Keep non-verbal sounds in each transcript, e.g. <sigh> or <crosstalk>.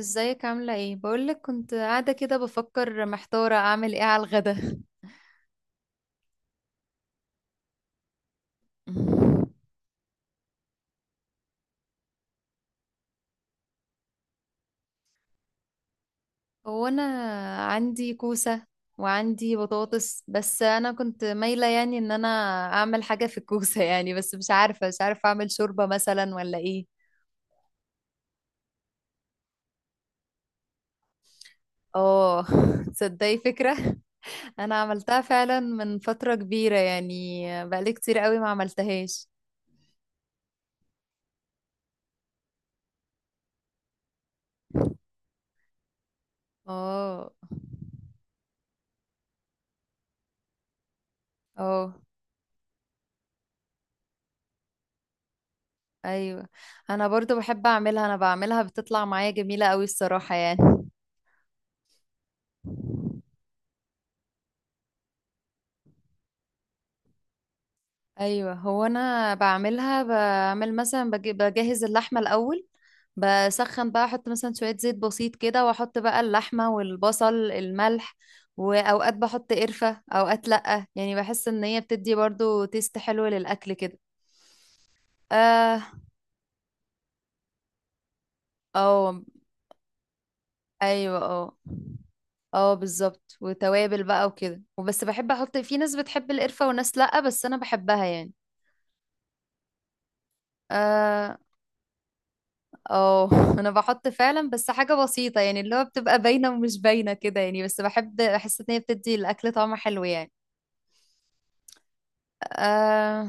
ازيك عاملة ايه؟ بقولك كنت قاعدة كده بفكر محتارة اعمل ايه على الغدا. <laughs> هو انا عندي كوسة وعندي بطاطس، بس انا كنت مايلة يعني ان انا اعمل حاجة في الكوسة. <laughs> يعني بس مش عارفة اعمل شوربة مثلا ولا ايه. اه. <laughs> تصدقي فكرة، انا عملتها فعلا من فترة كبيرة، يعني بقالي كتير قوي ما عملتهاش. اه. اه. ايوه. انا برضو بحب اعملها، انا بعملها بتطلع معايا جميلة قوي الصراحة يعني. ايوه، هو انا بعملها بعمل مثلا بجهز اللحمة الاول. بسخن بقى احط مثلا شوية زيت بسيط كده، واحط بقى اللحمة والبصل الملح، واوقات بحط قرفة اوقات لأ، يعني بحس ان هي بتدي برضو تيست حلو للاكل كده. اه. اه. ايوه. اه. اه بالظبط، وتوابل بقى وكده، وبس بحب احط، في ناس بتحب القرفة وناس لأ، بس انا بحبها يعني. اه. اه. <laughs> انا بحط فعلا بس حاجة بسيطة، يعني اللي هو بتبقى باينة ومش باينة كده يعني، بس بحب بحس ان هي بتدي الاكل طعم حلو يعني. آه.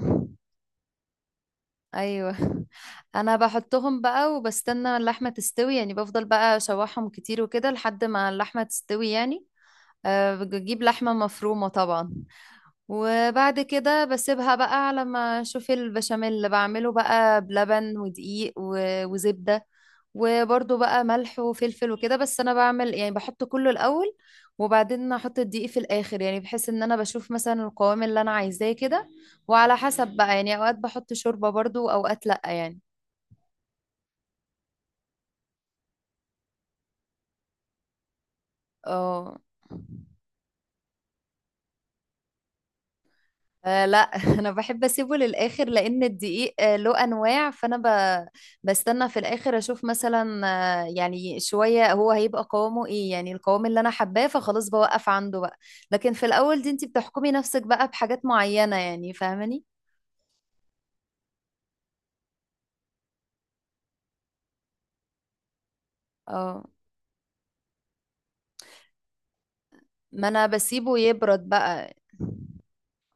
ايوه. <laughs> انا بحطهم بقى وبستنى اللحمه تستوي يعني، بفضل بقى اشوحهم كتير وكده لحد ما اللحمه تستوي يعني. أه بجيب لحمه مفرومه طبعا. وبعد كده بسيبها بقى على ما اشوف البشاميل، اللي بعمله بقى بلبن ودقيق وزبدة. وبرضو بقى ملح وفلفل وكده، بس انا بعمل يعني بحط كله الاول، وبعدين احط الدقيق في الاخر، يعني بحيث ان انا بشوف مثلا القوام اللي انا عايزاه كده. وعلى حسب بقى يعني، اوقات بحط شوربة برضو واوقات لا يعني. اه. لا. <laughs> انا بحب اسيبه للاخر، لان الدقيق له انواع، فانا بستنى في الاخر اشوف مثلا. يعني شويه هو هيبقى قوامه ايه، يعني القوام اللي انا حباه فخلاص بوقف عنده بقى. لكن في الاول دي انت بتحكمي نفسك بقى بحاجات معينه يعني، فاهماني. اه، ما انا بسيبه يبرد بقى.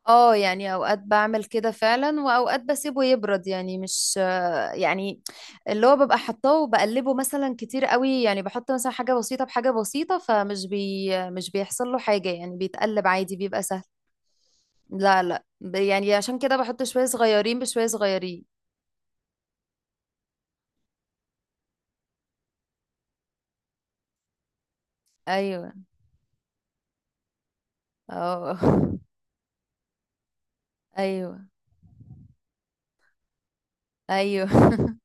اه، يعني اوقات بعمل كده فعلا واوقات بسيبه يبرد، يعني مش يعني اللي هو ببقى حطاه وبقلبه مثلا كتير قوي، يعني بحط مثلا حاجة بسيطة بحاجة بسيطة، فمش بي مش بيحصل له حاجة يعني، بيتقلب عادي بيبقى سهل. لا لا، يعني عشان كده بحط شوية صغيرين بشوية صغيرين. ايوه. اه. <laughs> ايوه. ايوه. <laughs>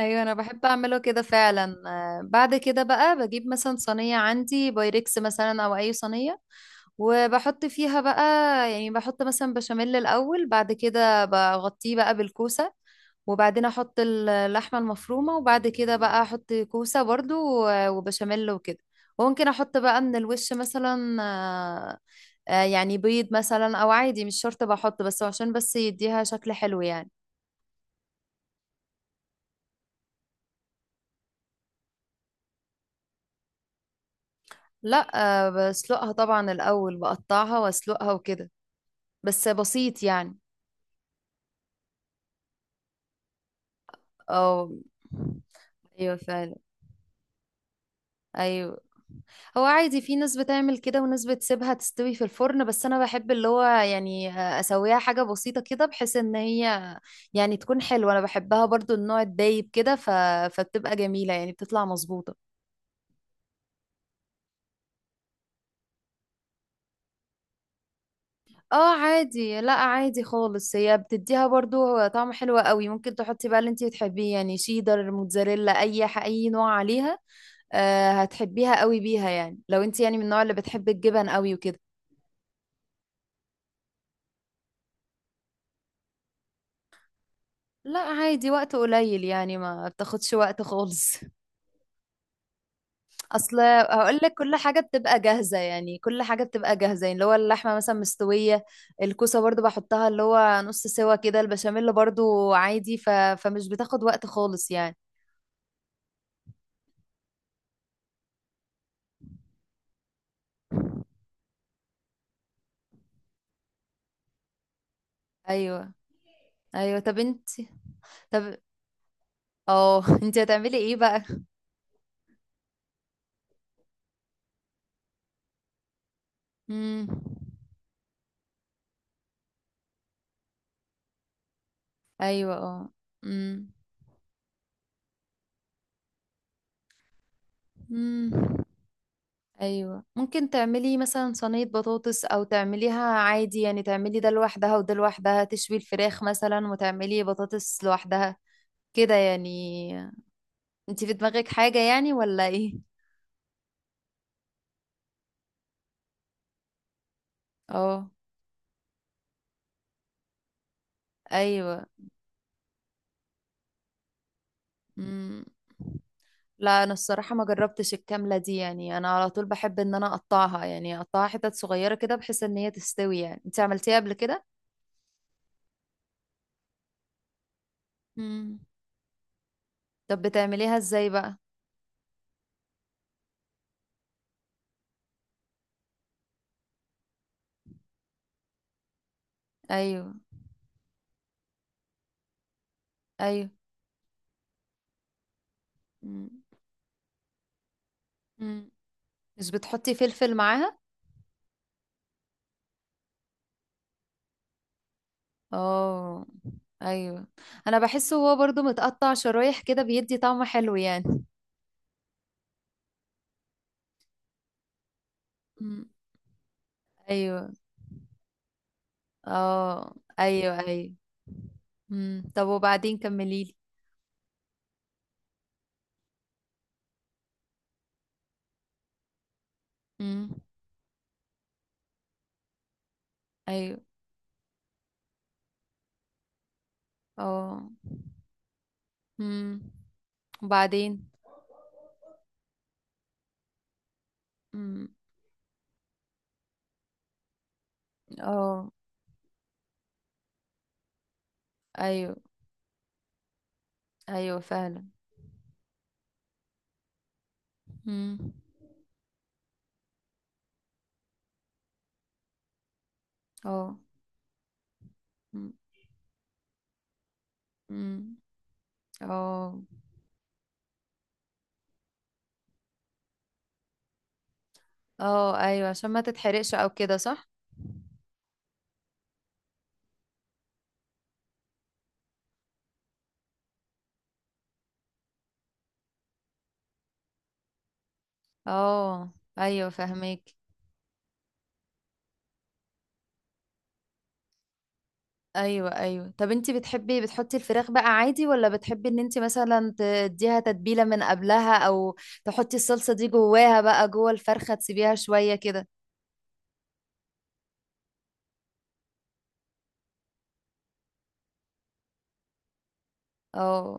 ايوه، انا بحب اعمله كده فعلا. بعد كده بقى بجيب مثلا صينية عندي بايركس مثلا او اي صينية، وبحط فيها بقى، يعني بحط مثلا بشاميل الأول، بعد كده بغطيه بقى بالكوسة، وبعدين أحط اللحمة المفرومة، وبعد كده بقى أحط كوسة برضو وبشاميل وكده. وممكن أحط بقى من الوش مثلا. يعني بيض مثلا أو عادي مش شرط بحط، بس عشان بس يديها شكل حلو يعني. لا، بسلقها طبعا الأول، بقطعها وأسلقها وكده، بس بسيط يعني. أو. أيوة فعلا. ايوه. هو عادي، في ناس بتعمل كده وناس بتسيبها تستوي في الفرن، بس انا بحب اللي هو يعني اسويها حاجة بسيطة كده، بحيث ان هي يعني تكون حلوة. انا بحبها برضو النوع الدايب كده، فبتبقى جميلة يعني، بتطلع مظبوطة. اه عادي، لا عادي خالص، هي بتديها برضو طعم حلو قوي. ممكن تحطي بقى اللي انتي بتحبيه، يعني شيدر، موتزاريلا، اي اي نوع عليها. هتحبيها قوي بيها يعني، لو انتي يعني من النوع اللي بتحب الجبن قوي وكده. لا عادي، وقت قليل يعني، ما بتاخدش وقت خالص. اصل هقول لك، كل حاجه بتبقى جاهزه يعني، كل حاجه بتبقى جاهزه يعني، اللي هو اللحمه مثلا مستويه، الكوسه برضو بحطها اللي هو نص سوا كده، البشاميل برضو عادي، فمش بتاخد وقت خالص يعني. ايوه. ايوه. طب انت. طب اه. <laughs> انت هتعملي ايه بقى؟ امم. ايوه. اه. امم. ايوه، ممكن تعملي مثلا صينية بطاطس، او تعمليها عادي، يعني تعملي ده لوحدها وده لوحدها، تشوي الفراخ مثلا وتعملي بطاطس لوحدها، كده يعني. انتي في دماغك حاجة يعني ولا ايه؟ اه. ايوه. مم. لا، انا الصراحة ما جربتش الكاملة دي يعني، انا على طول بحب ان انا اقطعها، يعني اقطعها حتت صغيرة كده بحيث ان هي تستوي. يعني انتي عملتيها قبل كده؟ مم. طب بتعمليها ازاي بقى؟ ايوه. ايوه. مم. مم. مش بتحطي فلفل معاها؟ اه. ايوه، انا بحسه هو برضو متقطع شرايح كده بيدي طعم حلو يعني. مم. ايوه. اه. ايوه. ايوه. مم. طب وبعدين كمليلي. مم. ايوه. اه. مم. وبعدين. مم. اه. ايوه. ايوه فعلا. مم. اه. مم. مم. اه. اه ايوه، عشان ما تتحرقش او كده، صح. اه ايوه، فهمك. ايوه. ايوه. طب انتي بتحبي بتحطي الفراخ بقى عادي، ولا بتحبي ان انتي مثلا تديها تتبيلة من قبلها، او تحطي الصلصة دي جواها بقى، جوه الفرخة تسيبيها شوية كده. اه.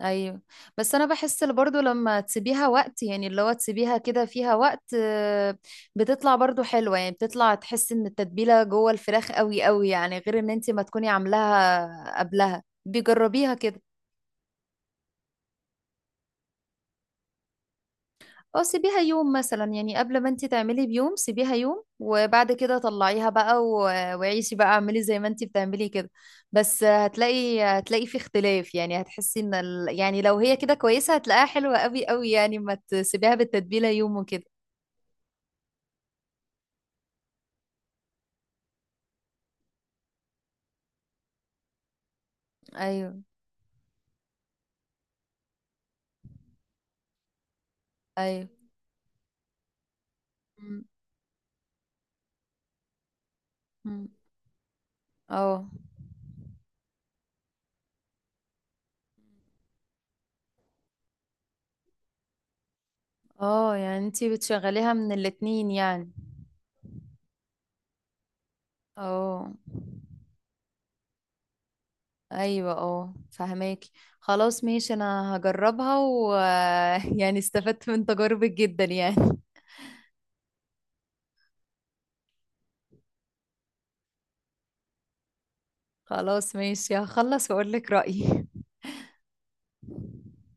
ايوه، بس انا بحس اللي برضو لما تسيبيها وقت، يعني اللي هو تسيبيها كده فيها وقت، بتطلع برضو حلوة يعني، بتطلع تحس ان التتبيلة جوه الفراخ قوي قوي، يعني غير ان انتي ما تكوني عاملاها قبلها، بيجربيها كده. اه، سيبيها يوم مثلا يعني، قبل ما انت تعملي بيوم سيبيها يوم، وبعد كده طلعيها بقى وعيشي بقى، اعملي زي ما انت بتعملي كده. بس هتلاقي في اختلاف، يعني هتحسي ان يعني لو هي كده كويسة هتلاقيها حلوة قوي قوي يعني، ما تسيبيها بالتتبيلة يوم وكده. ايوه. ايوه. م- م. اه. اه يعني انت بتشغليها من الاتنين يعني. اه. ايوه. اه فهماكي. خلاص ماشي، انا هجربها ويعني <laughs> استفدت من تجاربك جدا يعني. خلاص ماشي، هخلص واقول لك رأيي.